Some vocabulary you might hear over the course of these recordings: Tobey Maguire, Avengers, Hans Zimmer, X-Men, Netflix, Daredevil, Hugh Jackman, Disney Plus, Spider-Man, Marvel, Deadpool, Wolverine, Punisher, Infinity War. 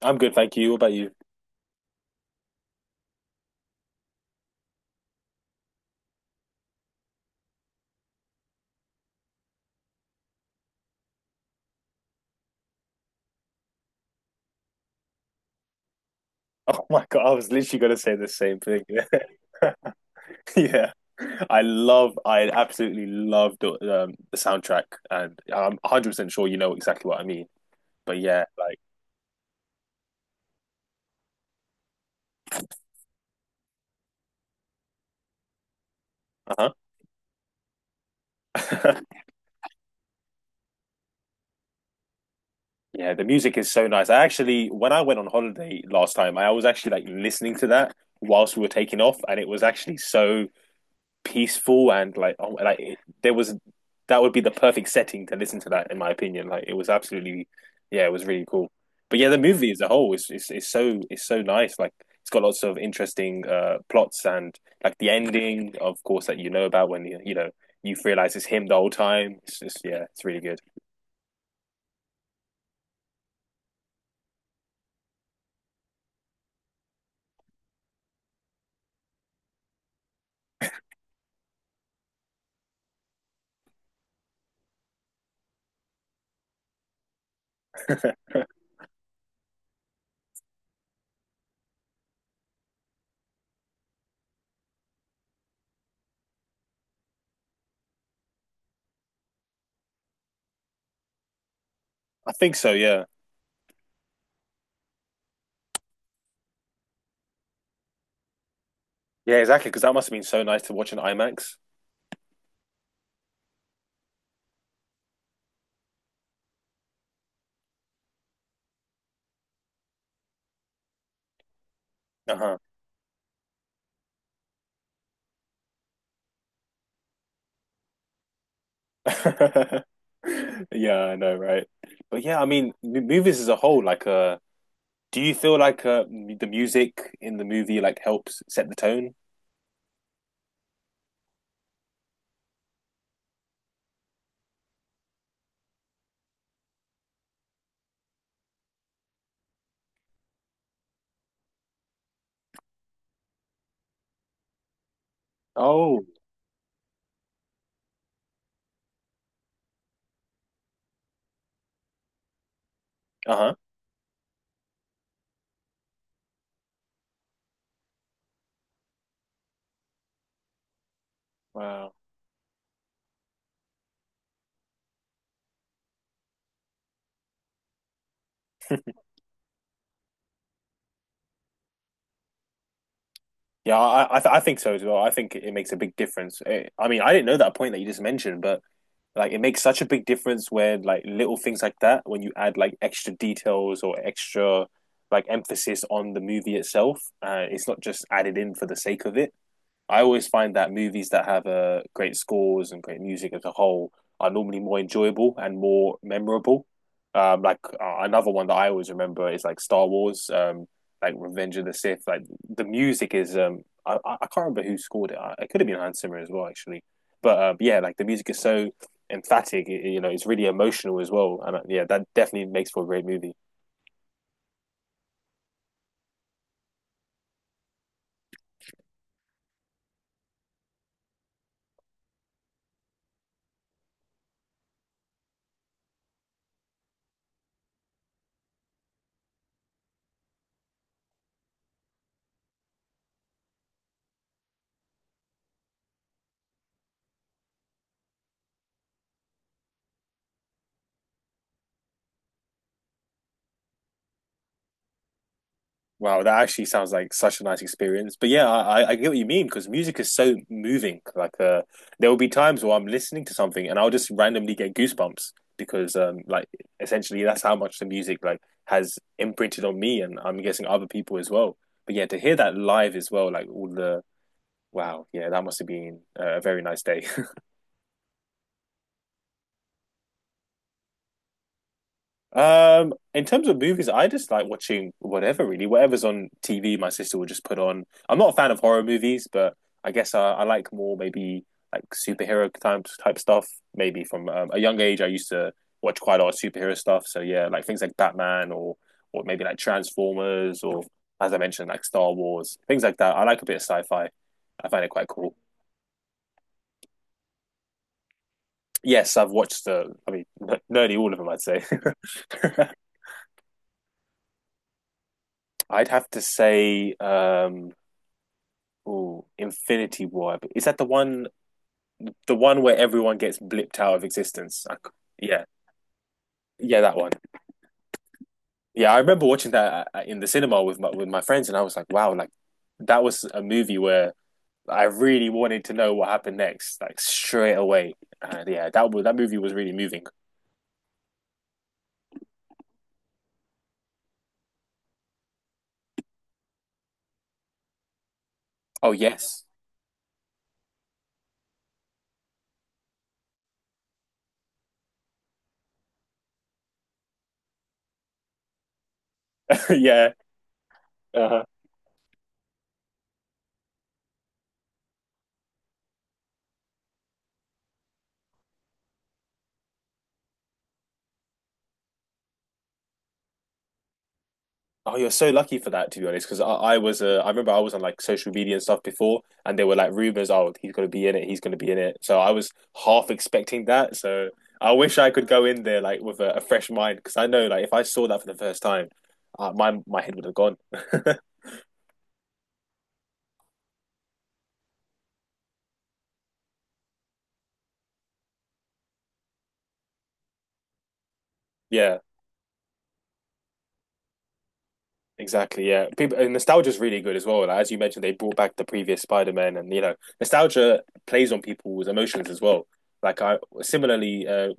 I'm good, thank you. What about you? Oh my God, I was literally going to say the same thing. Yeah. I absolutely love the soundtrack, and I'm 100% sure you know exactly what I mean. But yeah, like, uh-huh. Yeah, the music is so nice. I actually, when I went on holiday last time, I was actually like listening to that whilst we were taking off, and it was actually so peaceful and like oh, like it, there was that would be the perfect setting to listen to that in my opinion. Like it was absolutely, yeah, it was really cool. But yeah, the movie as a whole is so nice. Like it's got lots of interesting plots, and like the ending, of course, that you know about when you realize it's him the whole time. It's just, yeah, it's really good. I think so. Yeah, yeah, exactly. Because that must have been so nice to watch in IMAX. Uh huh. Yeah, I know, right? But yeah, I mean, movies as a whole, like, do you feel like, the music in the movie like helps set the tone? Oh, uh-huh, wow. Yeah, I think so as well. I think it makes a big difference. I mean, I didn't know that point that you just mentioned, but like it makes such a big difference where like little things like that when you add like extra details or extra like emphasis on the movie itself. It's not just added in for the sake of it. I always find that movies that have great scores and great music as a whole are normally more enjoyable and more memorable. Like another one that I always remember is like Star Wars, like Revenge of the Sith. Like the music is, I can't remember who scored it. It could have been Hans Zimmer as well, actually. But yeah, like the music is so emphatic. It's really emotional as well, and yeah, that definitely makes for a great movie. Wow, that actually sounds like such a nice experience. But yeah, I get what you mean because music is so moving. Like, there will be times where I'm listening to something and I'll just randomly get goosebumps because, like, essentially that's how much the music like has imprinted on me, and I'm guessing other people as well. But yeah, to hear that live as well, like all the, wow, yeah, that must have been a very nice day. In terms of movies, I just like watching whatever really, whatever's on TV. My sister will just put on. I'm not a fan of horror movies, but I guess I like more maybe like superhero type stuff. Maybe from a young age, I used to watch quite a lot of superhero stuff. So yeah, like things like Batman, or maybe like Transformers, or as I mentioned, like Star Wars, things like that. I like a bit of sci-fi. I find it quite cool. Yes, I've watched I mean, nearly all of them, I'd say. I'd have to say, oh, Infinity War. Is that the one where everyone gets blipped out of existence? I c yeah. Yeah, that one. Yeah, I remember watching that in the cinema with my friends, and I was like, wow, like that was a movie where I really wanted to know what happened next, like straight away. And yeah, that movie was really moving. Oh, yes. Yeah. Uh-huh. Oh, you're so lucky for that, to be honest, because I remember I was on like social media and stuff before, and there were like rumors, oh, he's gonna be in it, he's gonna be in it. So I was half expecting that. So I wish I could go in there like with a fresh mind, because I know like if I saw that for the first time, my head would have gone. Yeah. Exactly, yeah. People and nostalgia's really good as well. Like, as you mentioned, they brought back the previous Spider-Man, and, nostalgia plays on people's emotions as well. Like I similarly,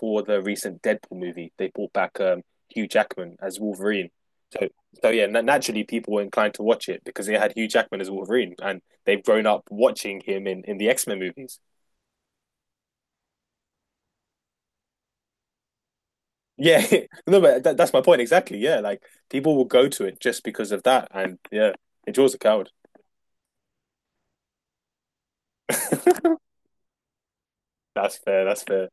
for the recent Deadpool movie, they brought back Hugh Jackman as Wolverine. So, so, yeah, na naturally people were inclined to watch it because they had Hugh Jackman as Wolverine, and they've grown up watching him in the X-Men movies. Yeah, no, but that's my point exactly. Yeah, like people will go to it just because of that, and yeah, it draws a crowd. That's fair. That's fair.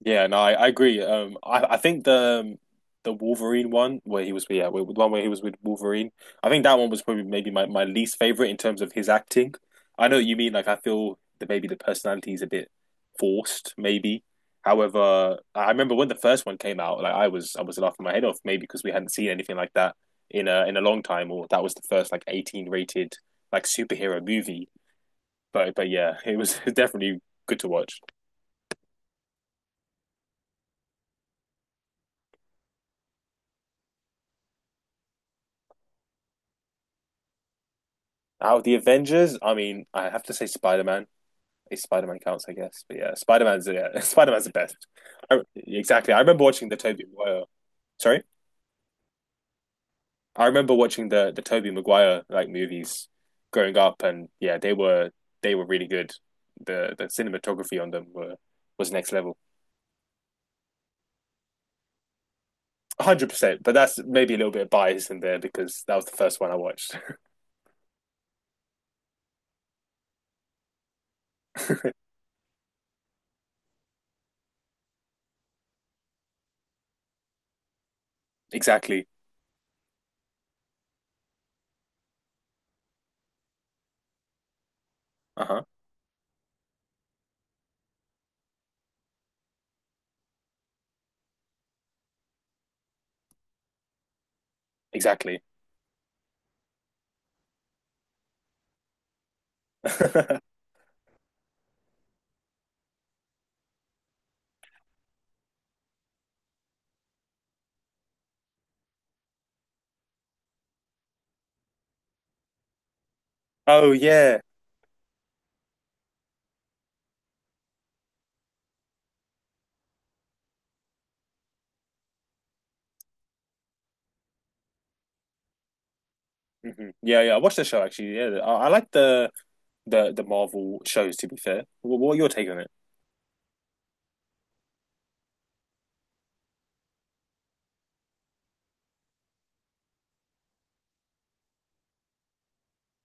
Yeah, no, I agree. I think the Wolverine one where he was, yeah, where, the one where he was with Wolverine. I think that one was probably maybe my least favorite in terms of his acting. I know what you mean, like, I feel that maybe the personality is a bit forced, maybe. However, I remember when the first one came out, like I was laughing my head off, maybe because we hadn't seen anything like that in a long time, or that was the first like 18 rated like superhero movie. But yeah, it was definitely good to watch. Now, the Avengers, I mean, I have to say Spider-Man. If Spider-Man counts, I guess. But yeah, Spider-Man's, yeah, Spider-Man's the best. Exactly. I remember watching the Tobey Maguire. Sorry? I remember watching the Tobey Maguire like movies growing up, and yeah, they were really good. The cinematography on them were was next level. 100%, but that's maybe a little bit of bias in there because that was the first one I watched. Exactly. Uh-huh. Exactly. Oh yeah. Hmm. Yeah, yeah. I watched the show actually. Yeah, I like the Marvel shows. To be fair, what are your take on it?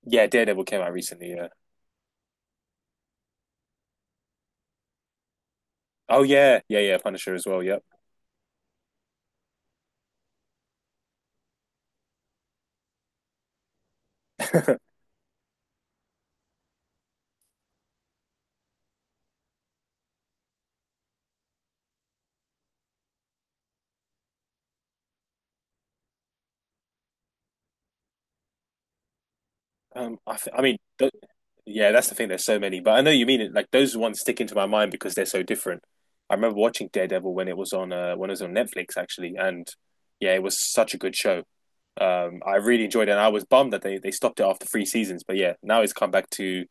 Yeah, Daredevil came out recently. Yeah. Oh yeah, yeah, yeah. Punisher as well. Yeah. I mean, th yeah, that's the thing. There's so many, but I know you mean it. Like those ones stick into my mind because they're so different. I remember watching Daredevil when it was on Netflix actually, and yeah, it was such a good show. I really enjoyed it, and I was bummed that they stopped it after three seasons. But yeah, now it's come back to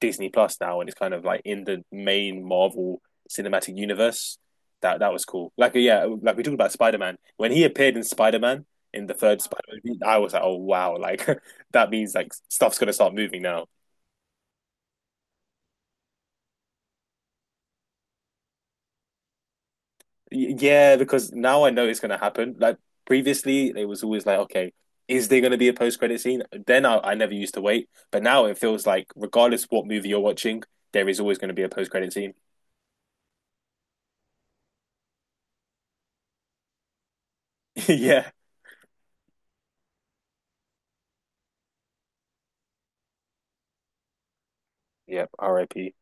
Disney Plus now, and it's kind of like in the main Marvel cinematic universe. That was cool. Like yeah, like we talked about Spider Man when he appeared in Spider Man in the third Spider Man, I was like, oh wow, like that means like stuff's gonna start moving now. Yeah, because now I know it's gonna happen. Like previously, it was always like, okay, is there gonna be a post credit scene? Then I never used to wait, but now it feels like regardless of what movie you're watching, there is always gonna be a post credit scene. Yeah. Yep. R.I.P.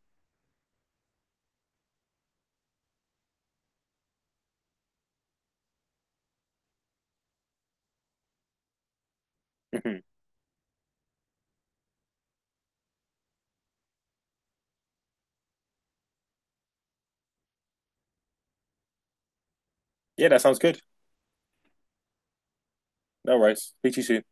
Mhm. Yeah, that sounds good. No worries. Speak to you soon.